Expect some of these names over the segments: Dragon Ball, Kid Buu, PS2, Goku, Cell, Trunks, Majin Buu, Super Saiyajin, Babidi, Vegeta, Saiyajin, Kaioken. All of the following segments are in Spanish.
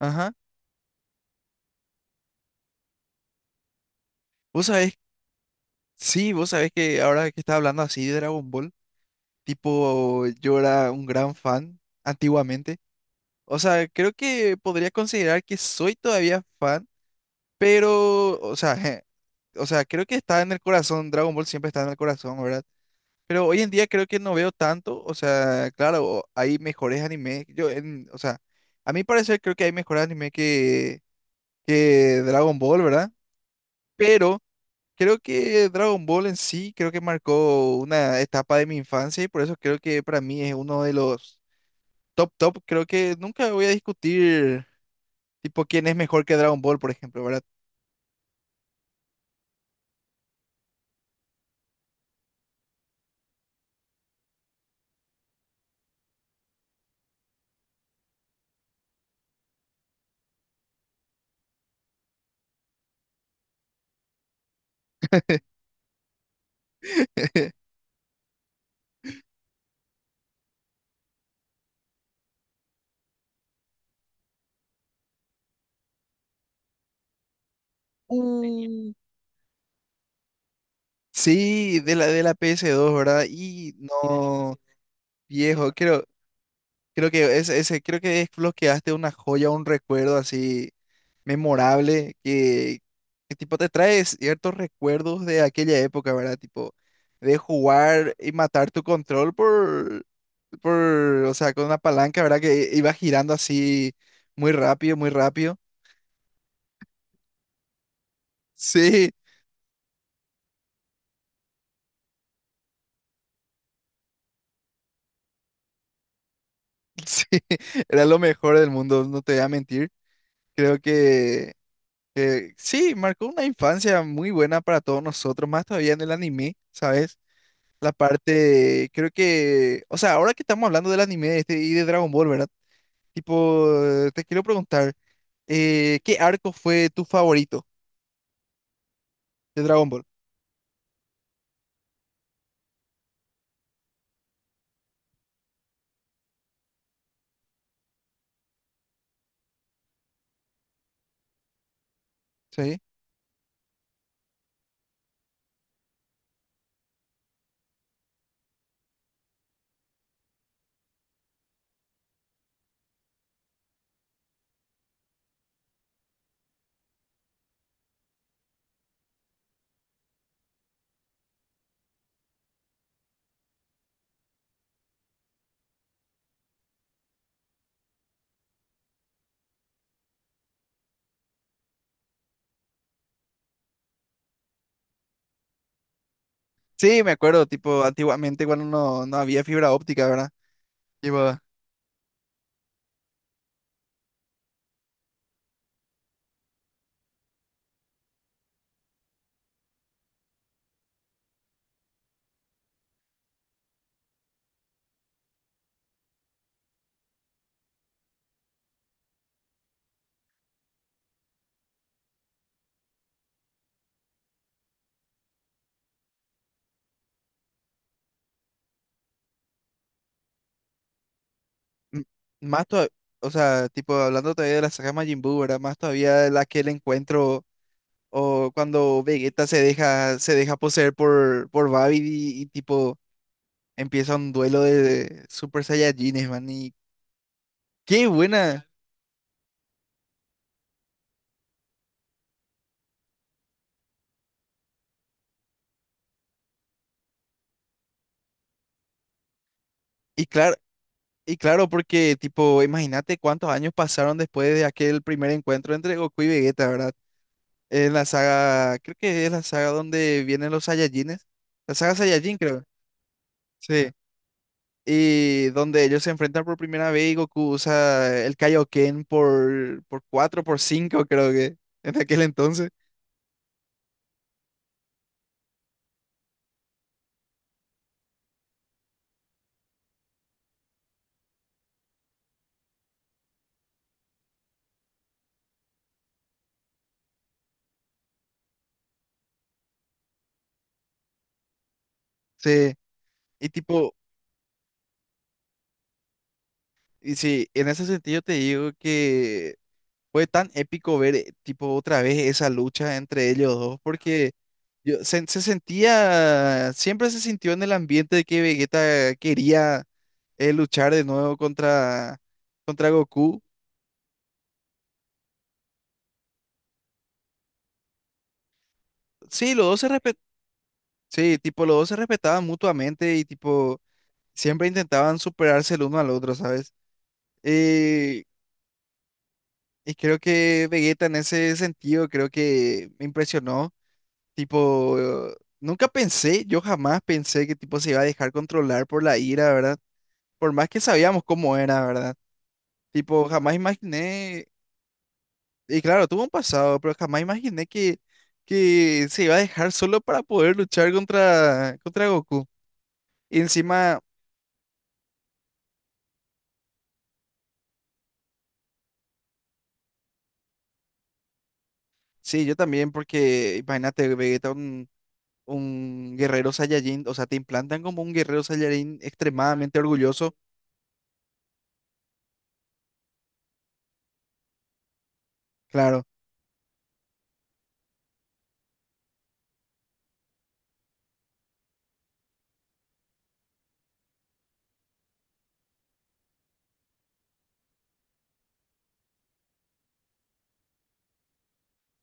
Ajá. Vos sabés, sí, vos sabés que ahora que estás hablando así de Dragon Ball, tipo, yo era un gran fan antiguamente. O sea, creo que podría considerar que soy todavía fan, pero, o sea, o sea, creo que está en el corazón, Dragon Ball siempre está en el corazón, ¿verdad? Pero hoy en día creo que no veo tanto, o sea, claro, hay mejores animes, yo en, o sea, a mi parecer creo que hay mejores animes que Dragon Ball, ¿verdad? Pero creo que Dragon Ball en sí creo que marcó una etapa de mi infancia y por eso creo que para mí es uno de los top top, creo que nunca voy a discutir tipo quién es mejor que Dragon Ball, por ejemplo, ¿verdad? Uh, Sí, de la PS2, ¿verdad? Y no, viejo, creo. Creo que es, ese, creo que desbloqueaste una joya, un recuerdo así memorable que tipo te trae ciertos recuerdos de aquella época, ¿verdad? Tipo de jugar y matar tu control por, o sea, con una palanca, ¿verdad? Que iba girando así muy rápido, muy rápido. Sí, sí, era lo mejor del mundo, no te voy a mentir. Creo que sí, marcó una infancia muy buena para todos nosotros, más todavía en el anime, ¿sabes? La parte, creo que, o sea, ahora que estamos hablando del anime este y de Dragon Ball, ¿verdad? Tipo, te quiero preguntar, ¿qué arco fue tu favorito de Dragon Ball? Sí. Sí, me acuerdo, tipo, antiguamente cuando no, no había fibra óptica, ¿verdad? Tipo, m- más todavía, o sea, tipo, hablando todavía de la saga Majin Buu, ¿verdad? Más todavía de la que el encuentro o cuando Vegeta se deja poseer por Babidi y, tipo, empieza un duelo de Super Saiyajines, man, y qué buena. Y claro, y claro, porque tipo, imagínate cuántos años pasaron después de aquel primer encuentro entre Goku y Vegeta, ¿verdad? En la saga, creo que es la saga donde vienen los Saiyajines. La saga Saiyajin, creo. Sí. Y donde ellos se enfrentan por primera vez y Goku usa el Kaioken por 4 por 5 creo que, en aquel entonces. Sí. Y tipo, y sí, en ese sentido te digo que fue tan épico ver, tipo, otra vez esa lucha entre ellos dos, porque se, se sentía, siempre se sintió en el ambiente de que Vegeta quería luchar de nuevo contra, contra Goku. Sí, los dos se respet- sí, tipo, los dos se respetaban mutuamente y tipo, siempre intentaban superarse el uno al otro, ¿sabes? Eh, y creo que Vegeta en ese sentido, creo que me impresionó. Tipo, nunca pensé, yo jamás pensé que tipo se iba a dejar controlar por la ira, ¿verdad? Por más que sabíamos cómo era, ¿verdad? Tipo, jamás imaginé. Y claro, tuvo un pasado, pero jamás imaginé que se iba a dejar solo para poder luchar contra, contra Goku. Y encima, sí, yo también, porque imagínate, Vegeta, un guerrero Saiyajin, o sea, te implantan como un guerrero Saiyajin extremadamente orgulloso, claro.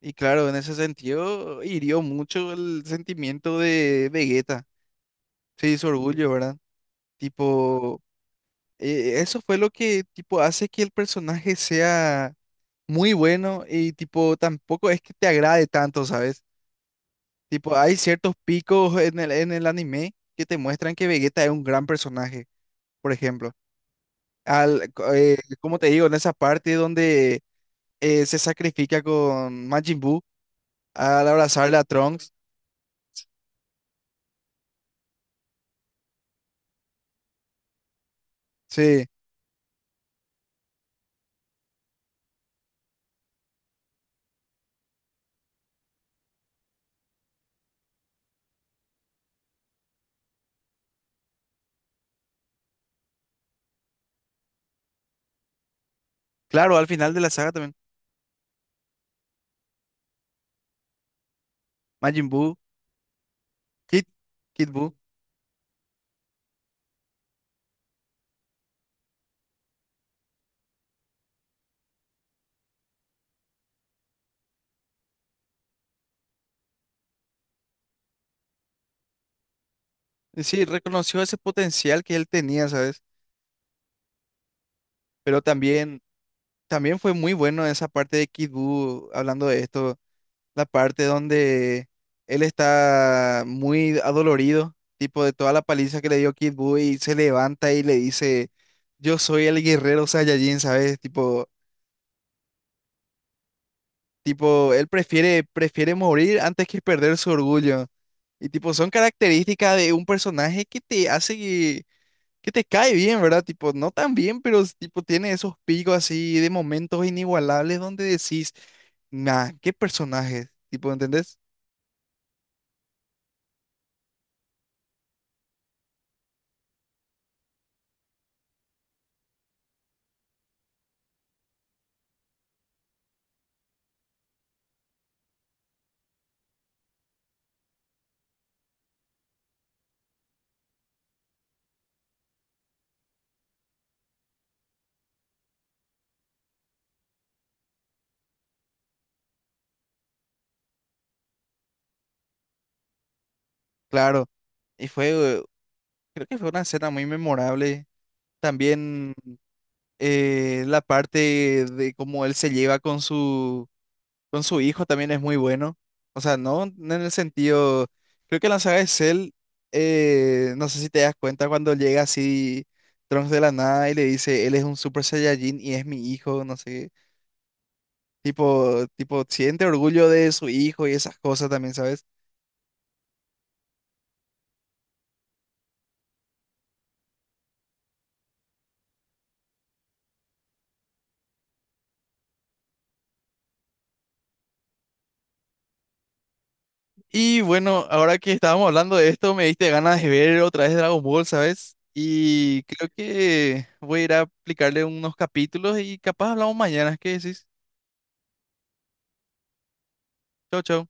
Y claro, en ese sentido, hirió mucho el sentimiento de Vegeta, sí, su orgullo, ¿verdad? Tipo, eso fue lo que, tipo, hace que el personaje sea muy bueno y tipo tampoco es que te agrade tanto, ¿sabes? Tipo, hay ciertos picos en el anime que te muestran que Vegeta es un gran personaje, por ejemplo. Como te digo, en esa parte donde se sacrifica con Majin Buu al abrazarle a Trunks. Sí, claro, al final de la saga también. Majin Buu, Kid, Kid Buu. Y sí, reconoció ese potencial que él tenía, ¿sabes? Pero también, también fue muy bueno esa parte de Kid Buu hablando de esto, la parte donde él está muy adolorido, tipo de toda la paliza que le dio Kid Buu y se levanta y le dice, yo soy el guerrero Saiyajin, ¿sabes? Tipo, él prefiere, prefiere morir antes que perder su orgullo. Y tipo, son características de un personaje que te hace que te cae bien, ¿verdad? Tipo, no tan bien, pero tipo tiene esos picos así de momentos inigualables donde decís, nah, qué personaje, tipo, ¿entendés? Claro, y fue, creo que fue una escena muy memorable. También la parte de cómo él se lleva con su hijo también es muy bueno. O sea, no en el sentido, creo que en la saga de Cell, no sé si te das cuenta cuando llega así Trunks de la nada y le dice, él es un Super Saiyajin y es mi hijo, no sé. Tipo, siente orgullo de su hijo y esas cosas también, ¿sabes? Y bueno, ahora que estábamos hablando de esto, me diste ganas de ver otra vez Dragon Ball, ¿sabes? Y creo que voy a ir a aplicarle unos capítulos y capaz hablamos mañana. ¿Qué decís? Chau, chau.